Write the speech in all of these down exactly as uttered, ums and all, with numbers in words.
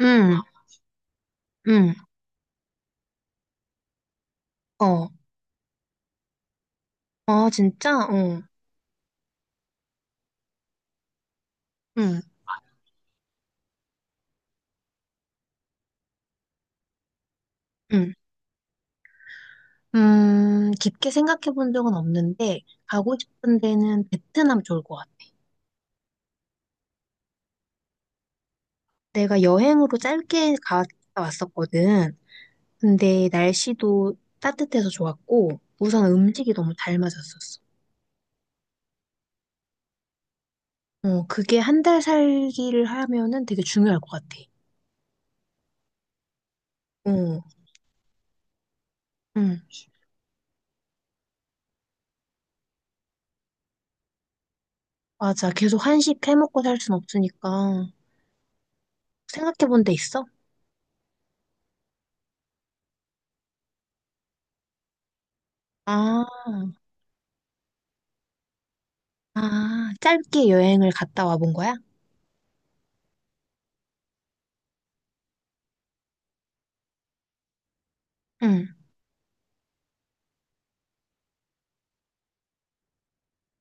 응, 응, 어. 아, 진짜? 어, 응, 응. 음, 깊게 생각해 본 적은 없는데, 가고 싶은 데는 베트남 좋을 것 같아. 내가 여행으로 짧게 갔다 왔었거든. 근데 날씨도 따뜻해서 좋았고, 우선 음식이 너무 잘 맞았었어. 어, 그게 한 달 살기를 하면은 되게 중요할 것 같아. 어, 응, 맞아. 계속 한식 해먹고 살 순 없으니까. 생각해 본데 있어? 아, 아, 짧게 여행을 갔다 와본 거야? 응.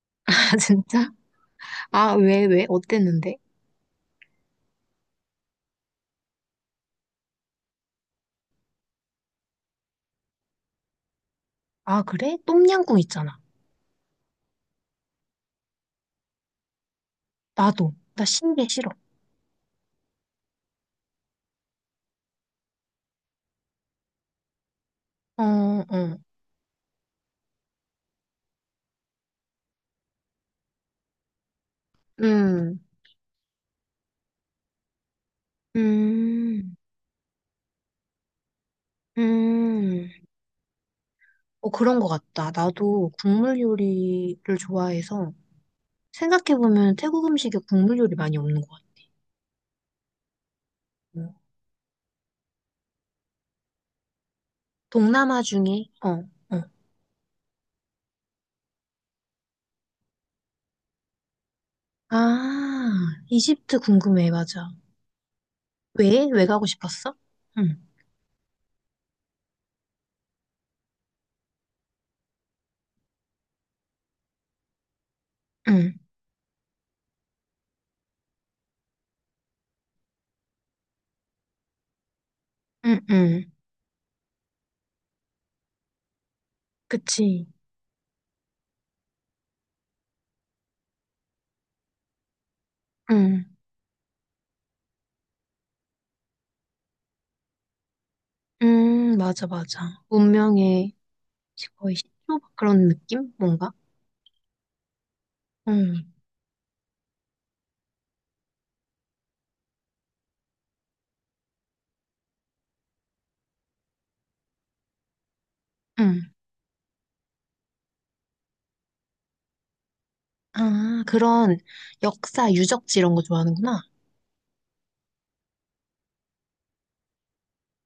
아, 진짜? 아, 왜, 왜? 어땠는데? 아, 그래? 똠양꿍 있잖아. 나도. 나 신게 싫어. 어, 어. 음, 음, 음. 어, 그런 거 같다. 나도 국물 요리를 좋아해서 생각해보면 태국 음식에 국물 요리 많이 없는 것 같아. 어. 동남아 중에, 어, 어. 아, 이집트 궁금해. 맞아. 왜? 왜 가고 싶었어? 응, 응, 응, 응. 그치. 응. 음, 맞아, 맞아. 운명의 거의 시초 그런 느낌? 뭔가? 응. 응. 아, 그런 역사 유적지 이런 거 좋아하는구나.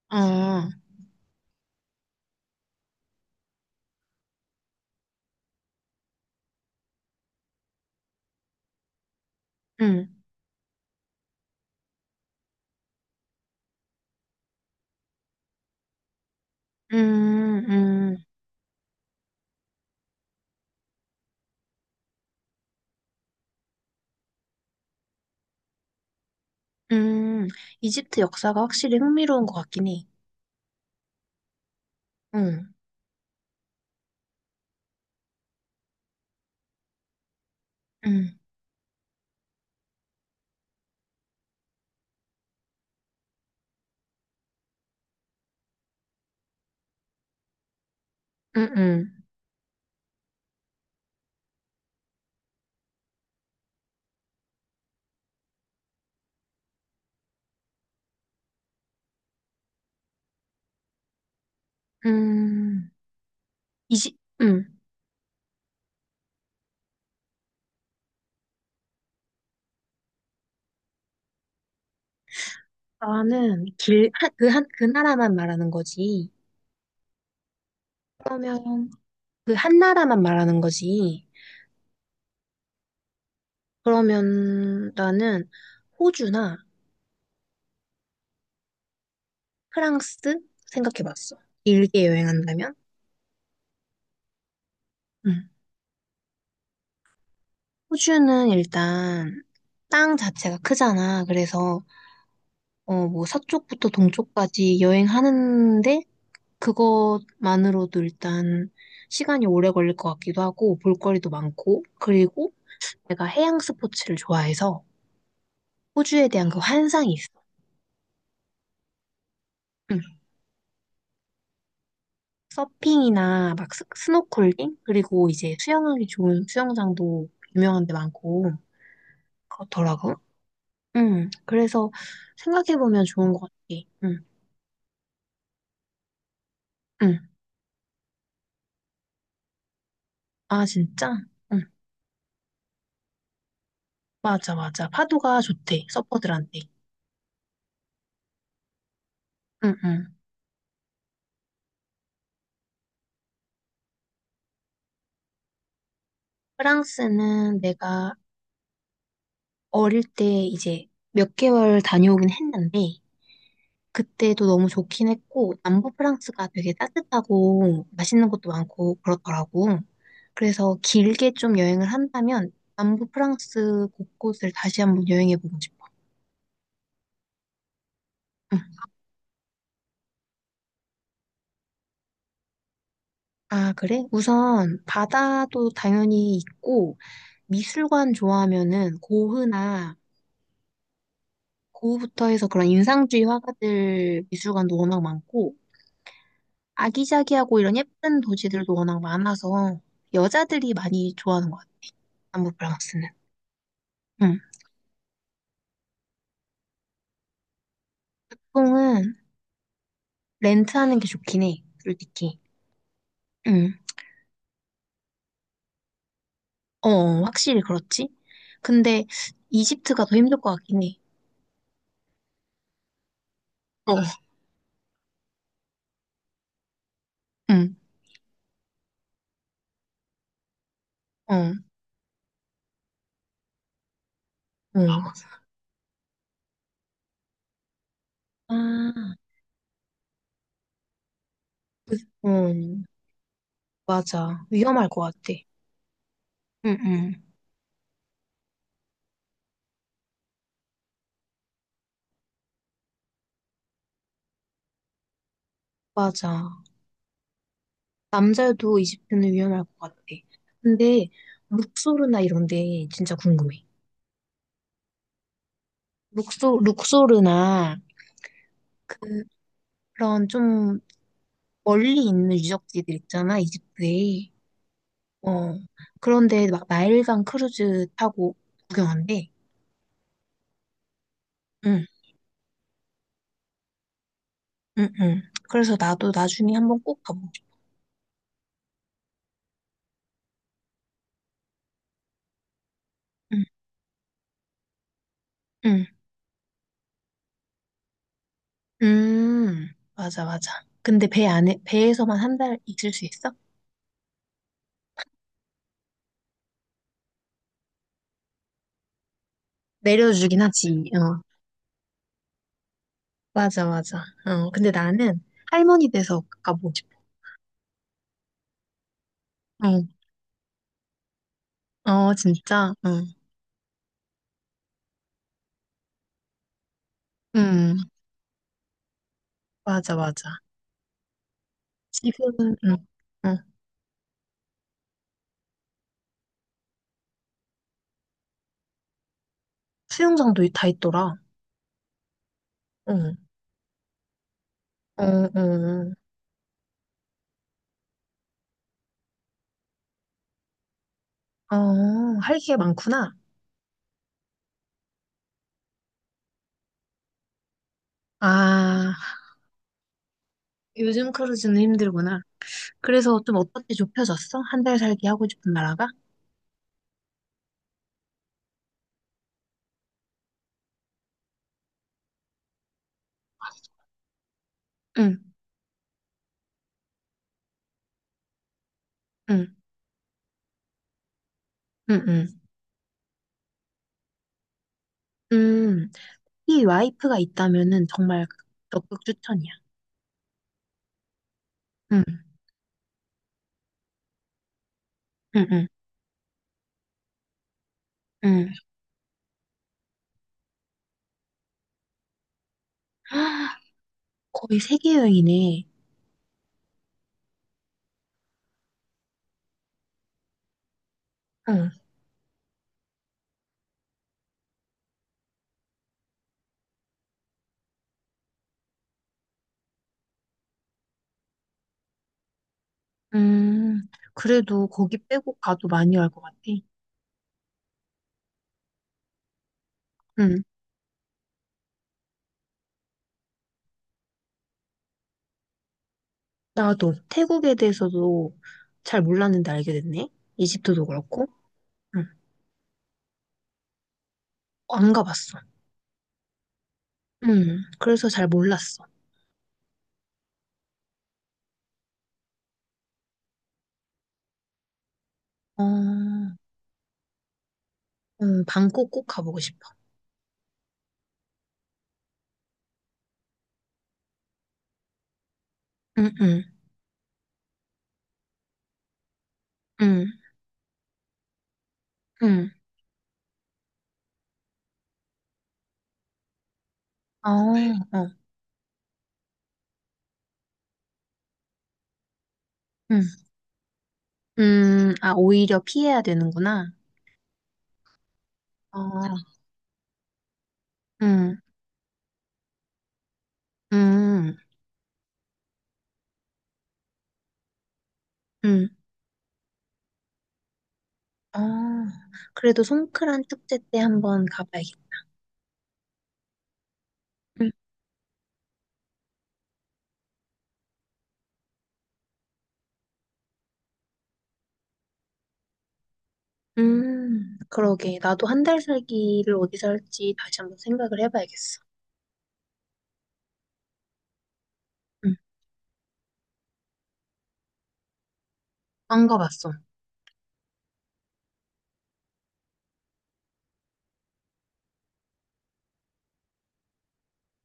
아, 응. 음, 음, 음. 이집트 역사가 확실히 흥미로운 것 같긴 해. 응, 응, 응, 응. 음, 이집, 응. 나는 길, 한, 그 한, 그 나라만 말하는 거지. 그러면 그 한 나라만 말하는 거지. 그러면 나는 호주나 프랑스 생각해봤어. 길게 여행한다면? 응. 호주는 일단 땅 자체가 크잖아. 그래서 어, 뭐 서쪽부터 동쪽까지 여행하는데 그것만으로도 일단 시간이 오래 걸릴 것 같기도 하고 볼거리도 많고 그리고 내가 해양 스포츠를 좋아해서 호주에 대한 그 환상이 있어. 서핑이나 막 스, 스노클링? 그리고 이제 수영하기 좋은 수영장도 유명한 데 많고 그렇더라고. 응, 그래서 생각해보면 좋은 것 같아. 응, 응. 아, 진짜? 응, 맞아, 맞아. 파도가 좋대, 서퍼들한테. 응, 응. 프랑스는 내가 어릴 때 이제 몇 개월 다녀오긴 했는데 그때도 너무 좋긴 했고, 남부 프랑스가 되게 따뜻하고 맛있는 것도 많고 그렇더라고. 그래서 길게 좀 여행을 한다면 남부 프랑스 곳곳을 다시 한번 여행해보고 싶어. 응. 아, 그래? 우선 바다도 당연히 있고, 미술관 좋아하면은 고흐나 고흐부터 해서 그런 인상주의 화가들 미술관도 워낙 많고, 아기자기하고 이런 예쁜 도시들도 워낙 많아서 여자들이 많이 좋아하는 것 같아, 남부 프랑스는. 응. 보통은 렌트하는 게 좋긴 해, 솔직히. 응. 어, 어, 확실히 그렇지. 근데 이집트가 더 힘들 것 같긴 해. 어, 응, 어, 어, 아, 응, 맞아. 위험할 것 같아. 응, 응, 맞아. 남자여도 이집트는 위험할 것 같아. 근데 룩소르나 이런 데 진짜 궁금해. 룩소, 룩소르나 그런 좀 멀리 있는 유적지들 있잖아, 이집트에. 어, 그런데 막 나일강 크루즈 타고 구경한대. 응, 응, 응. 그래서 나도 나중에 한번 꼭 가보고 싶어. 응, 응. 음, 맞아, 맞아. 근데 배 안에, 배에서만 한 달 있을 수 있어? 내려주긴 하지. 어, 맞아, 맞아. 어, 근데 나는 할머니 돼서 가보고 싶어. 응, 어, 진짜. 응, 응, 맞아, 맞아. 지금은, 응, 응. 수영장도 다 있더라. 응, 어, 어, 어, 할 게 많구나. 아, 요즘 크루즈는 힘들구나. 그래서 좀 어떻게 좁혀졌어? 한달 살기 하고 싶은 나라가? 응, 응, 응, 응. 음, 이 와이프가 있다면은 정말 적극 추천이야. 응, 응, 응, 응. 헉, 거의 세계 여행이네. 응, 음, 그래도 거기 빼고 가도 많이 알 것 같아. 응, 나도 태국에 대해서도 잘 몰랐는데 알게 됐네. 이집트도 그렇고. 응, 안 가봤어. 응, 그래서 잘 몰랐어. 어, 응, 방콕 꼭 가보고 싶어. 응, 응, 응, 응. 어, 어, 응. 음, 아, 오히려 피해야 되는구나. 어, 응, 응, 응. 어, 그래도 송크란 축제 때 한번 가봐야겠다. 응, 음, 그러게. 나도 한 달 살기를 어디서 할지 다시 한번 생각을 해봐야겠어. 응, 안 가봤어.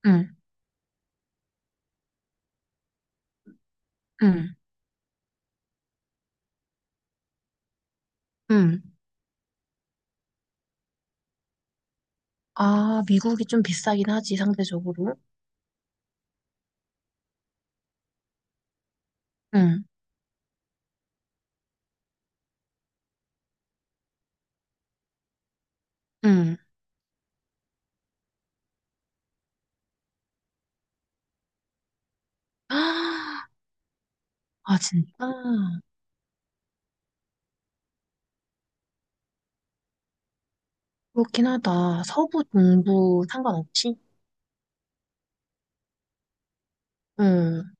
응, 응, 응. 아, 미국이 좀 비싸긴 하지, 상대적으로. 응, 응. 아, 아, 진짜? 그렇긴 하다. 서부, 동부 상관없이? 응,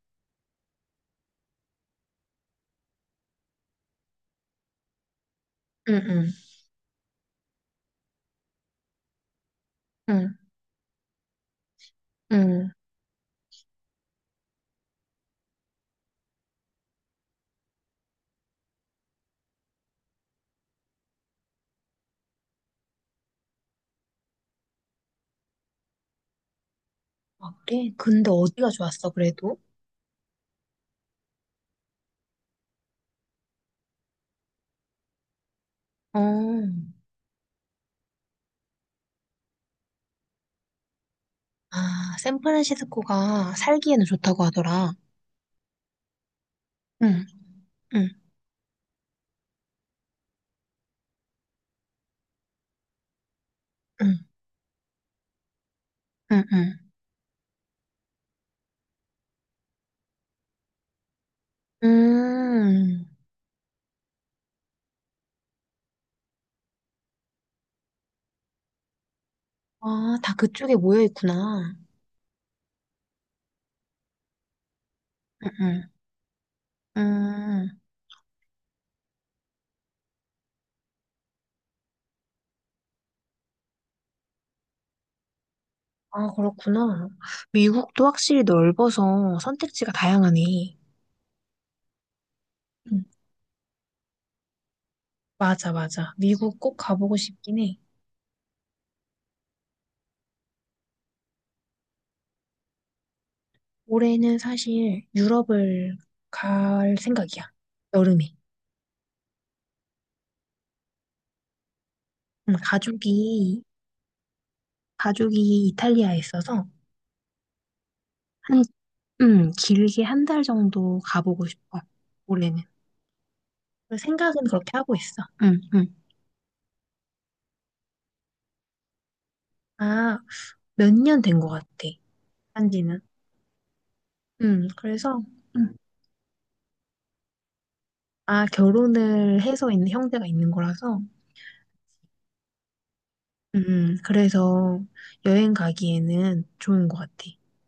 응, 응, 응, 응. 아, 그래? 근데 어디가 좋았어, 그래도? 어, 아, 샌프란시스코가 살기에는 좋다고 하더라. 응, 응, 응, 응, 응. 음, 아, 다 그쪽에 모여 있구나. 응, 응, 음. 아, 그렇구나. 미국도 확실히 넓어서 선택지가 다양하네. 응, 맞아, 맞아. 미국 꼭 가보고 싶긴 해. 올해는 사실 유럽을 갈 생각이야. 여름에. 음, 가족이, 가족이 이탈리아에 있어서 한, 음, 길게 한 달 정도 가보고 싶어. 올해는. 그래서 생각은 그렇게 하고 있어. 응, 응. 아, 몇 년 된 것 같아. 한 지는. 음, 그래서, 음, 아, 결혼을 해서 있는 형제가 있는 거라서, 음, 그래서 여행 가기에는 좋은 것 같아.